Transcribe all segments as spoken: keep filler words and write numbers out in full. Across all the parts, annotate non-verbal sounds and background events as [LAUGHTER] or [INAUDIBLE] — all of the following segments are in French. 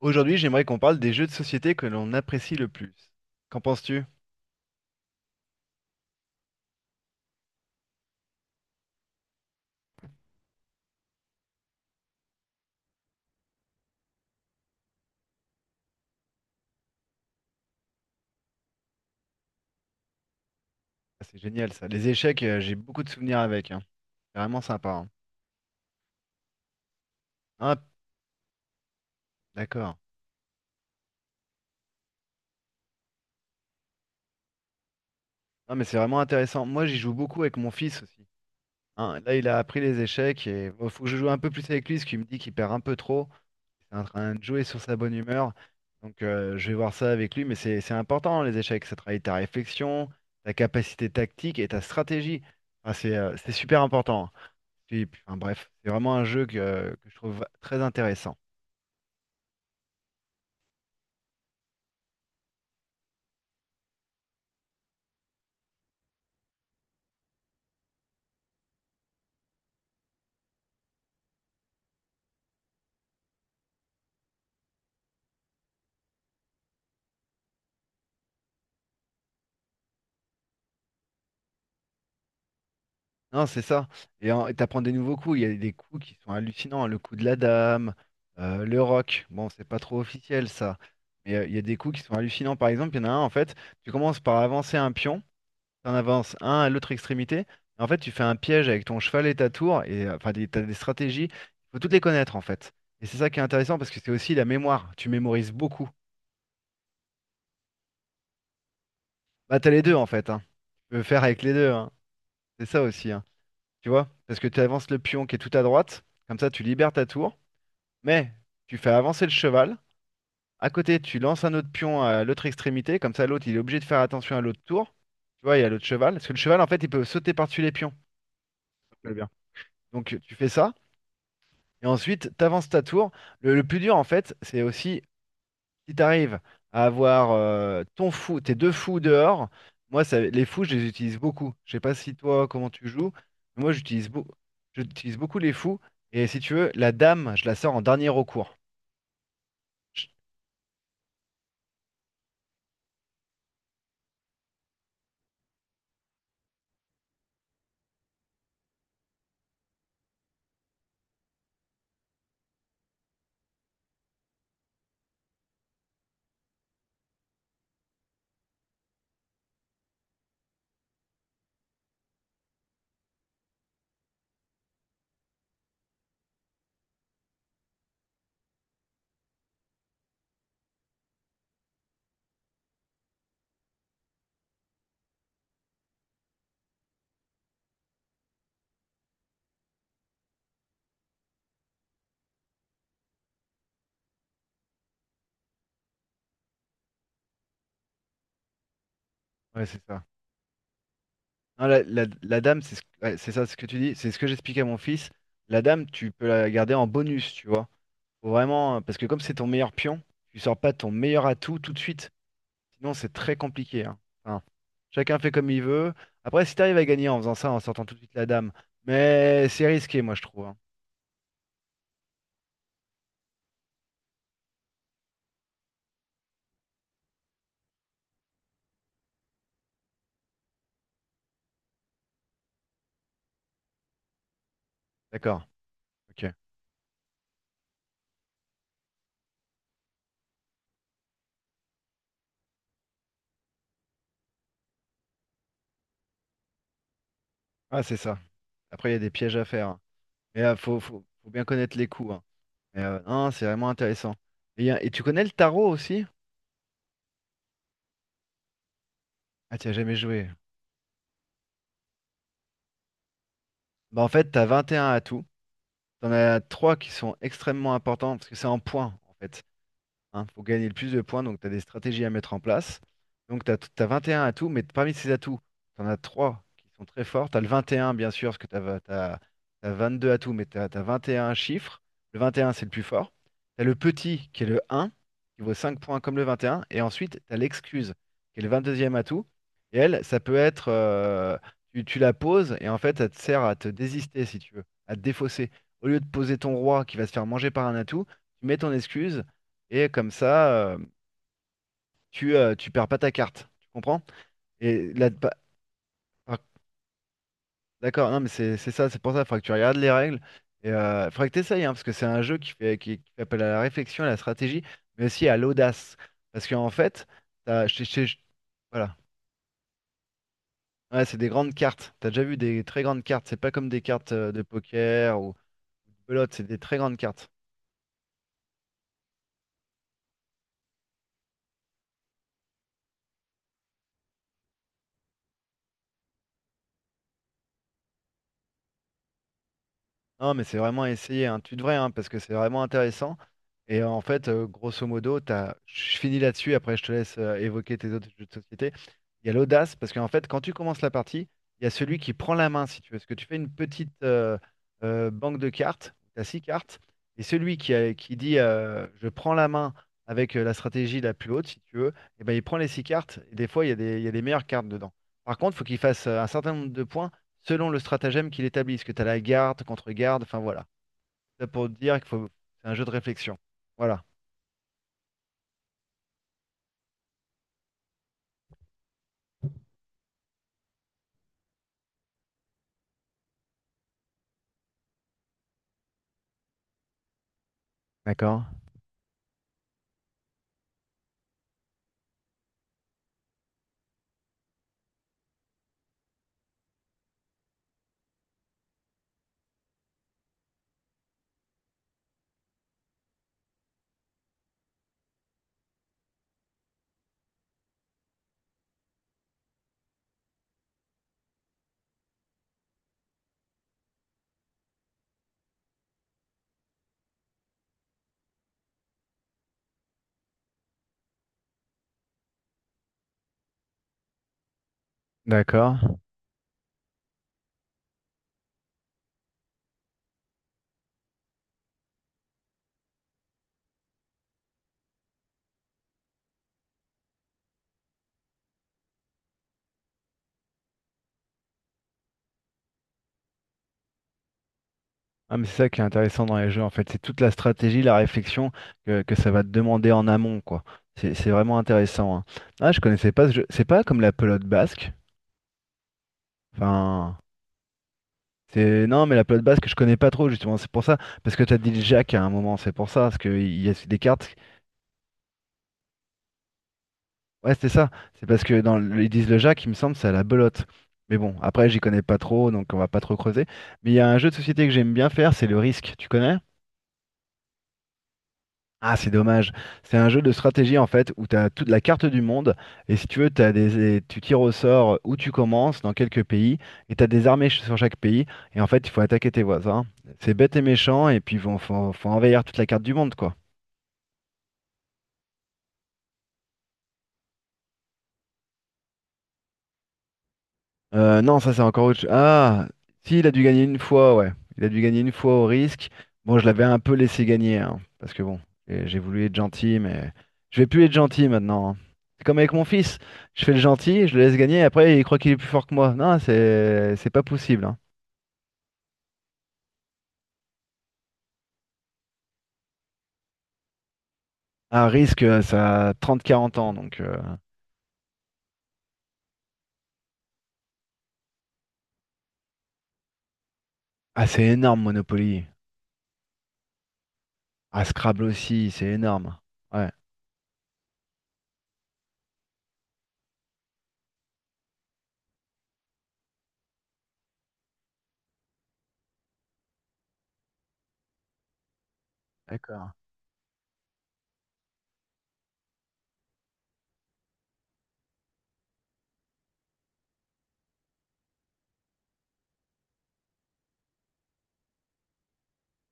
Aujourd'hui, j'aimerais qu'on parle des jeux de société que l'on apprécie le plus. Qu'en penses-tu? Ah, c'est génial ça. Les échecs, euh, j'ai beaucoup de souvenirs avec, hein. C'est vraiment sympa, hein. Ah, d'accord. Non, mais c'est vraiment intéressant. Moi, j'y joue beaucoup avec mon fils aussi, hein. Là, il a appris les échecs et il faut que je joue un peu plus avec lui parce qu'il me dit qu'il perd un peu trop. Il est en train de jouer sur sa bonne humeur. Donc, euh, je vais voir ça avec lui. Mais c'est c'est important, hein, les échecs. Ça travaille ta réflexion, ta capacité tactique et ta stratégie. Ah, c'est euh, c'est super important. Puis, puis, enfin, bref, c'est vraiment un jeu que, que je trouve très intéressant. Non, c'est ça. Et en- et t'apprends des nouveaux coups. Il y a des coups qui sont hallucinants. Le coup de la dame, euh, le rock. Bon, c'est pas trop officiel ça. Mais euh, il y a des coups qui sont hallucinants. Par exemple, il y en a un, en fait, tu commences par avancer un pion. Tu en avances un à l'autre extrémité. En fait, tu fais un piège avec ton cheval et ta tour. Et euh, enfin, des- t'as des stratégies. Il faut toutes les connaître, en fait. Et c'est ça qui est intéressant parce que c'est aussi la mémoire. Tu mémorises beaucoup. Bah, t'as les deux, en fait, hein. Tu peux faire avec les deux, hein. C'est ça aussi, hein. Tu vois? Parce que tu avances le pion qui est tout à droite, comme ça tu libères ta tour, mais tu fais avancer le cheval. À côté, tu lances un autre pion à l'autre extrémité, comme ça l'autre il est obligé de faire attention à l'autre tour. Tu vois, il y a l'autre cheval. Parce que le cheval, en fait, il peut sauter par-dessus les pions. Très bien. Donc tu fais ça, et ensuite tu avances ta tour. Le, le plus dur, en fait, c'est aussi si t'arrives à avoir euh, ton fou, tes deux fous dehors, moi ça, les fous je les utilise beaucoup. Je sais pas si toi comment tu joues, mais moi j'utilise beau- j'utilise beaucoup les fous. Et si tu veux, la dame, je la sors en dernier recours. Je- Ouais, c'est ça. Non, la, la- la dame, c'est ce- ouais, c'est ça ce que tu dis, c'est ce que j'expliquais à mon fils. La dame, tu peux la garder en bonus, tu vois. Faut vraiment, parce que comme c'est ton meilleur pion, tu sors pas ton meilleur atout tout de suite. Sinon, c'est très compliqué, hein. Enfin, chacun fait comme il veut. Après, si t'arrives à gagner en faisant ça, en sortant tout de suite la dame, mais c'est risqué, moi, je trouve, hein. D'accord. Ok. Ah, c'est ça. Après, il y a des pièges à faire, hein. Mais il faut, faut- faut bien connaître les coups, hein. Mais euh, non, c'est vraiment intéressant. Et, y a- et tu connais le tarot aussi? Ah, tu as jamais joué. Bah, en fait, t'as un atouts. T'en as trois qui sont extrêmement importants parce que c'est en points, en fait. Il faut gagner le plus de points, donc tu as des stratégies à mettre en place. Donc tu as vingt et un atouts, mais parmi ces atouts, tu en as trois qui sont très forts. Tu as le vingt et un, bien sûr, parce que tu as vingt-deux atouts, mais tu as vingt et un chiffres. Le vingt et un, c'est le plus fort. Tu as le petit, qui est le un, qui vaut cinq points comme le vingt et un. Et un. Et ensuite, tu as l'excuse, qui est le vingt-deuxième atout. Et elle, ça peut être, euh, tu, tu la poses, et en fait, ça te sert à te désister, si tu veux, à te défausser. Au lieu de poser ton roi qui va se faire manger par un atout, tu mets ton excuse. Et comme ça, euh, tu, euh, tu perds pas ta carte. Tu comprends? Et là, pa- par- d'accord, non, mais c'est c'est ça, c'est pour ça, il faudra que tu regardes les règles. Et euh, faudrait que tu essayes, hein, parce que c'est un jeu qui fait, qui, qui fait appel à la réflexion, à la stratégie, mais aussi à l'audace. Parce qu'en fait, t'as- je- je- je- voilà. Ouais, c'est des grandes cartes. T'as déjà vu des très grandes cartes. C'est pas comme des cartes euh, de poker ou de belote, c'est des très grandes cartes. Non, mais c'est vraiment à essayer, hein. Tu devrais, hein, parce que c'est vraiment intéressant. Et euh, en fait, euh, grosso modo, t'as je finis là-dessus, après je te laisse euh, évoquer tes autres jeux de société. Il y a l'audace, parce qu'en fait, quand tu commences la partie, il y a celui qui prend la main, si tu veux. Parce que tu fais une petite euh, euh, banque de cartes, tu as six cartes, et celui qui, a- qui dit euh, je prends la main avec euh, la stratégie la plus haute, si tu veux, et ben, il prend les six cartes, et des fois, il y a des, il y a des meilleures cartes dedans. Par contre, il faut qu'il fasse euh, un certain nombre de points selon le stratagème qu'il établit. Ce que tu as la garde, contre-garde, enfin voilà. Ça pour te dire qu'il faut c'est un jeu de réflexion. Voilà. D'accord, d'accord. Ah, mais c'est ça qui est intéressant dans les jeux, en fait. C'est toute la stratégie, la réflexion que, que ça va te demander en amont, quoi. C'est c'est vraiment intéressant, hein. Ah, je connaissais pas ce jeu. C'est pas comme la pelote basque. Enfin, c'est. Non, mais la pelote basque, je connais pas trop, justement. C'est pour ça. Parce que t'as dit le Jacques à un moment, c'est pour ça. Parce qu'il y a des cartes. Ouais, c'est ça. C'est parce que dans le- ils disent le Jacques, il me semble, c'est à la belote. Mais bon, après, j'y connais pas trop, donc on va pas trop creuser. Mais il y a un jeu de société que j'aime bien faire, c'est le Risque. Tu connais? Ah, c'est dommage. C'est un jeu de stratégie, en fait, où tu as toute la carte du monde. Et si tu veux, t'as des, des- tu tires au sort où tu commences, dans quelques pays. Et tu as des armées ch- sur chaque pays. Et en fait, il faut attaquer tes voisins. C'est bête et méchant. Et puis, il faut, faut faut envahir toute la carte du monde, quoi. Euh, non, ça c'est encore autre chose. Ah, si, il a dû gagner une fois, ouais. Il a dû gagner une fois au risque. Bon, je l'avais un peu laissé gagner, hein, parce que bon, j'ai j'ai voulu être gentil, mais je vais plus être gentil maintenant, hein. C'est comme avec mon fils. Je fais le gentil, je le laisse gagner, et après il croit qu'il est plus fort que moi. Non, c'est c'est pas possible, hein. Ah, risque, euh, ça a trente quarante ans, donc. euh, Ah, c'est énorme, Monopoly. Ah, Scrabble aussi, c'est énorme. Ouais. D'accord. [LAUGHS]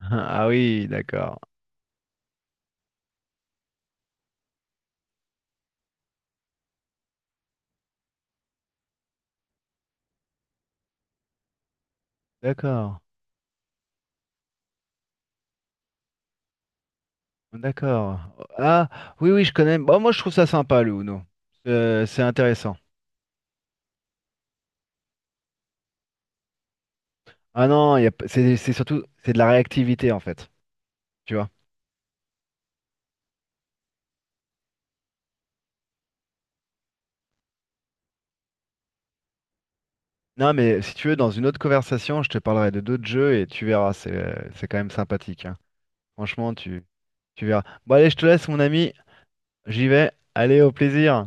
Ah oui, d'accord. D'accord. D'accord. Ah, oui, oui, je connais. Bon, moi, je trouve ça sympa, le Uno. Euh, c'est intéressant. Ah non, il y a p- c'est c'est surtout c'est de la réactivité, en fait. Tu vois? Non, mais si tu veux, dans une autre conversation, je te parlerai de d'autres jeux et tu verras. C'est euh, c'est quand même sympathique, hein. Franchement, tu, tu verras. Bon, allez, je te laisse, mon ami. J'y vais. Allez, au plaisir.